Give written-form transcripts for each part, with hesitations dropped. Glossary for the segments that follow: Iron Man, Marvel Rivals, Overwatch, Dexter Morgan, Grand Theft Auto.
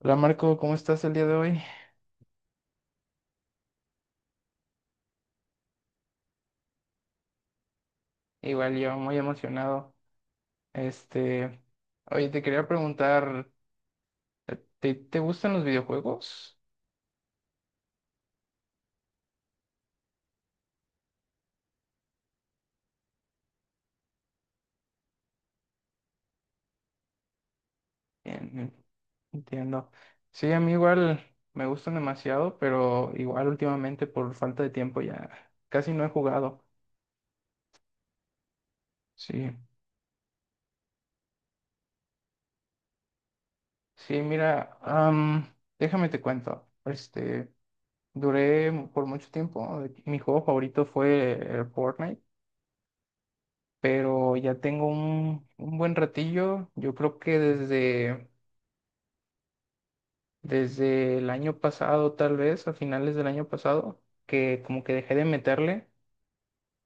Hola Marco, ¿cómo estás el día de hoy? Igual yo, muy emocionado. Este, oye, te quería preguntar, ¿Te gustan los videojuegos? Bien, entiendo. Sí, a mí igual me gustan demasiado, pero igual últimamente por falta de tiempo ya casi no he jugado. Sí, sí, mira, déjame te cuento. Por mucho tiempo, mi juego favorito fue el Fortnite, pero ya tengo un buen ratillo. Yo creo que desde el año pasado, tal vez, a finales del año pasado, que como que dejé de meterle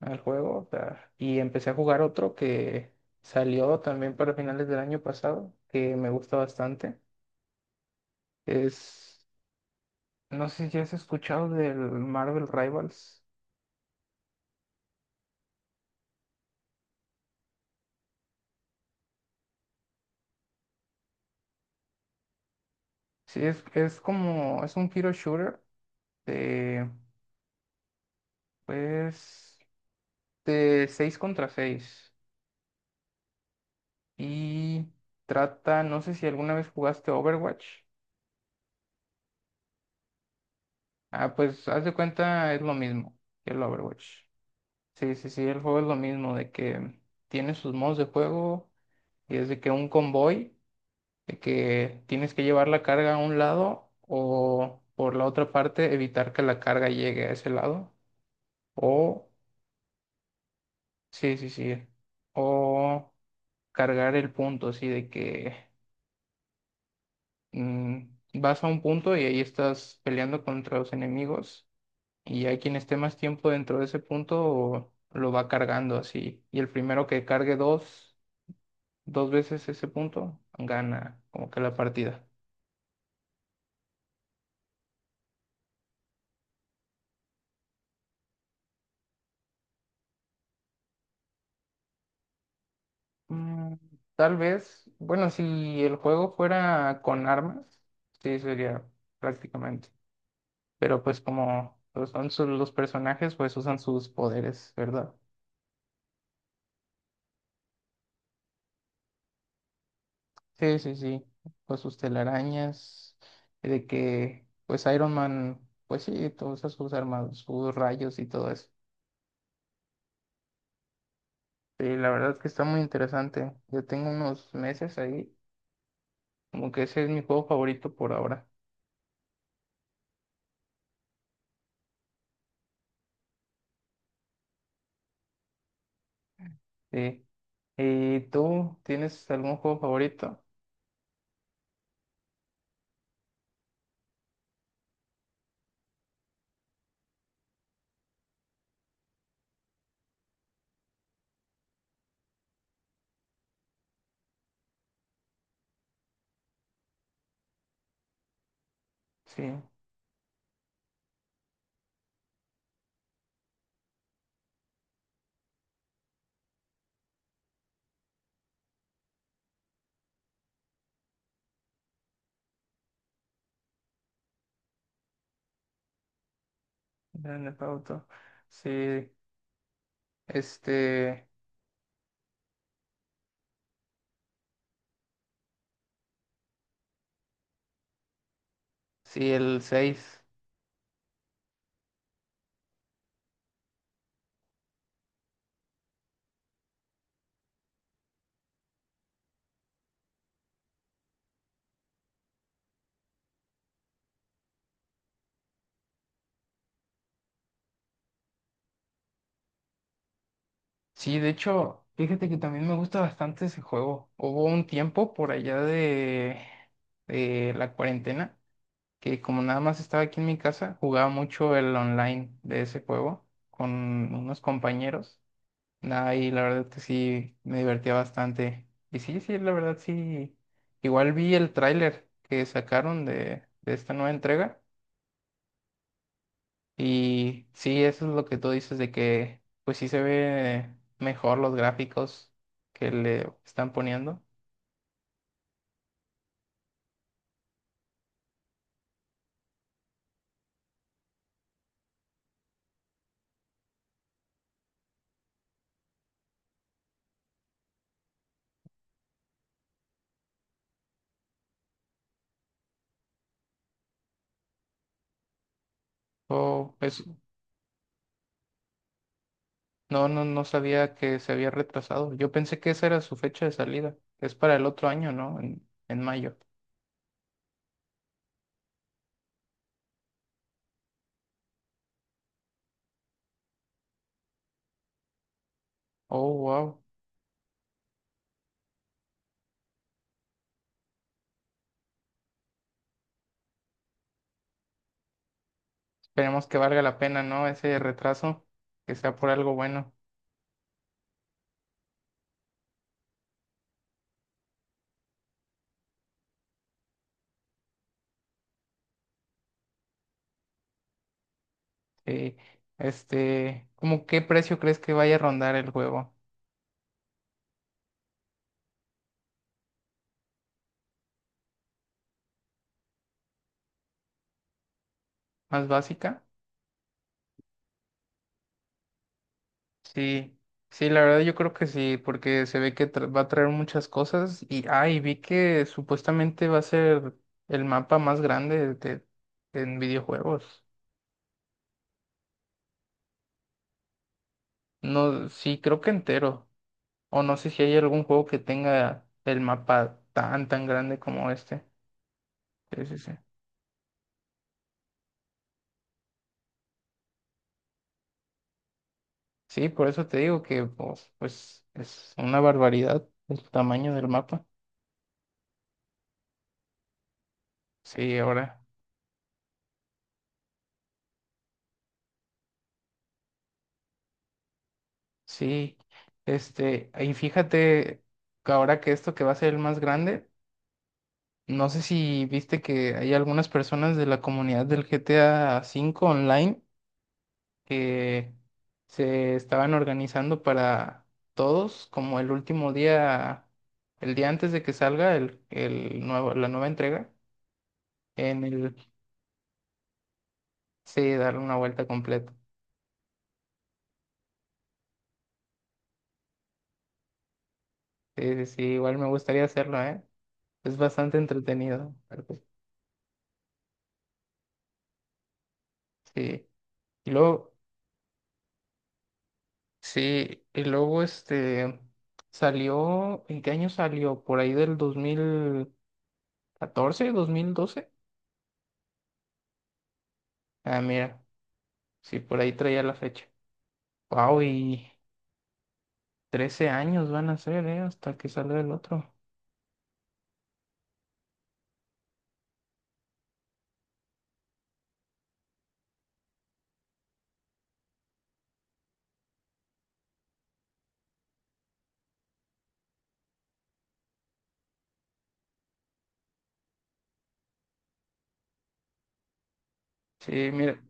al juego, o sea, y empecé a jugar otro que salió también para finales del año pasado, que me gusta bastante. Es, no sé si has escuchado del Marvel Rivals. Sí, es como, es un hero shooter de, pues, de 6 contra seis. Y trata, no sé si alguna vez jugaste Overwatch. Ah, pues haz de cuenta, es lo mismo que el Overwatch. Sí, sí, sí, el juego es lo mismo, de que tiene sus modos de juego y es de que tienes que llevar la carga a un lado o por la otra parte evitar que la carga llegue a ese lado. O, sí, sí, sí, o cargar el punto, así de que mm, vas a un punto y ahí estás peleando contra los enemigos, y hay quien esté más tiempo dentro de ese punto lo va cargando así. Y el primero que cargue dos veces ese punto, gana como que la partida. Mm, tal vez, bueno, si el juego fuera con armas, sí sería prácticamente. Pero pues como pues, los personajes pues usan sus poderes, ¿verdad? Sí, sí, sí. Pues sus telarañas, de que pues Iron Man, pues sí, todas sus armas, sus rayos y todo eso. Sí, la verdad es que está muy interesante. Yo tengo unos meses ahí, como que ese es mi juego favorito por ahora. Sí. ¿Y tú tienes algún juego favorito? Sí, Grand Theft Auto. Sí, este, sí, el 6. Sí, de hecho, fíjate que también me gusta bastante ese juego. Hubo un tiempo por allá de la cuarentena que, como nada más estaba aquí en mi casa, jugaba mucho el online de ese juego con unos compañeros. Nah, y la verdad que sí, me divertía bastante. Y sí, sí, la verdad sí. Igual vi el tráiler que sacaron de esta nueva entrega. Y sí, eso es lo que tú dices de que pues sí se ve mejor los gráficos que le están poniendo. O pues, no, no, no sabía que se había retrasado. Yo pensé que esa era su fecha de salida. Es para el otro año, ¿no? En mayo. Oh, wow. Esperemos que valga la pena, ¿no? Ese retraso, que sea por algo bueno. Eh, ¿Cómo qué precio crees que vaya a rondar el juego? ¿Más básica? Sí, sí, la verdad yo creo que sí, porque se ve que va a traer muchas cosas, y ah, y vi que supuestamente va a ser el mapa más grande en videojuegos. No, sí, creo que entero. O no sé si hay algún juego que tenga el mapa tan grande como este. Sí, sí, sí. Sí, por eso te digo que pues, pues es una barbaridad el tamaño del mapa. Sí, ahora, sí, y fíjate que ahora que esto que va a ser el más grande, no sé si viste que hay algunas personas de la comunidad del GTA 5 online que se estaban organizando para todos, como el último día, el día antes de que salga el nuevo, la nueva entrega, en el, sí, darle una vuelta completa. Sí, sí, sí, igual me gustaría hacerlo, ¿eh? Es bastante entretenido, pero pues sí. Y luego... Sí, y luego este salió, ¿en qué año salió? ¿Por ahí del 2014, 2012? Ah, mira, sí, por ahí traía la fecha. Wow, y 13 años van a ser, ¿eh? Hasta que salga el otro. Sí, mira,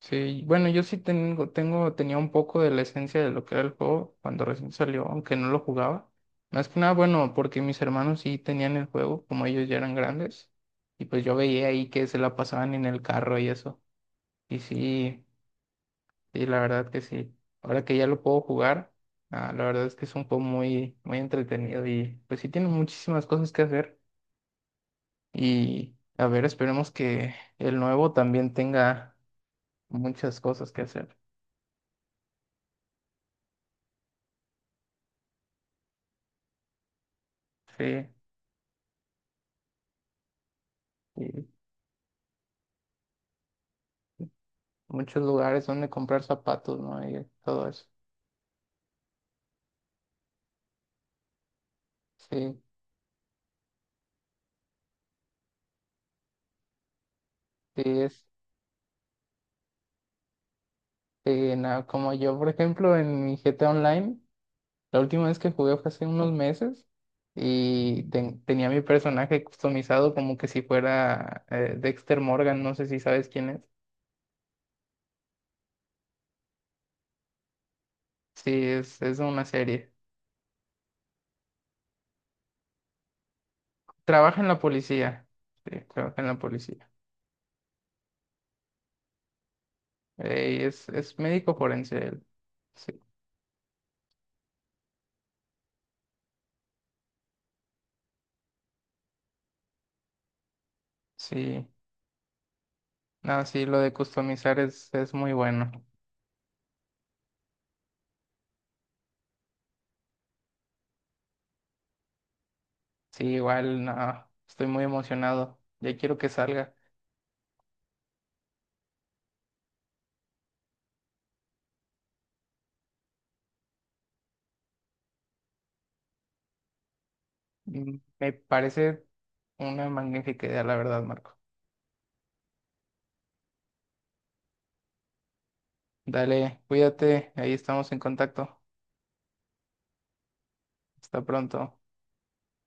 sí, bueno, yo sí tenía un poco de la esencia de lo que era el juego cuando recién salió, aunque no lo jugaba. Más que nada, bueno, porque mis hermanos sí tenían el juego, como ellos ya eran grandes, y pues yo veía ahí que se la pasaban en el carro y eso. Y sí, sí, la verdad que sí. Ahora que ya lo puedo jugar, ah, la verdad es que es un juego muy, muy entretenido y pues sí tiene muchísimas cosas que hacer. Y a ver, esperemos que el nuevo también tenga muchas cosas que hacer. Sí, y muchos lugares donde comprar zapatos, ¿no? Y todo eso. Sí, sí, sí, nada, como yo, por ejemplo, en mi GTA Online. La última vez que jugué fue hace unos meses y tenía mi personaje customizado como que si fuera Dexter Morgan, no sé si sabes quién es. Sí, es una serie. Trabaja en la policía. Sí, trabaja en la policía. Y es médico forense él. Sí, sí. No, sí, lo de customizar es muy bueno. Sí, igual, no, estoy muy emocionado. Ya quiero que salga. Mm, me parece una magnífica idea, la verdad, Marco. Dale, cuídate, ahí estamos en contacto. Hasta pronto.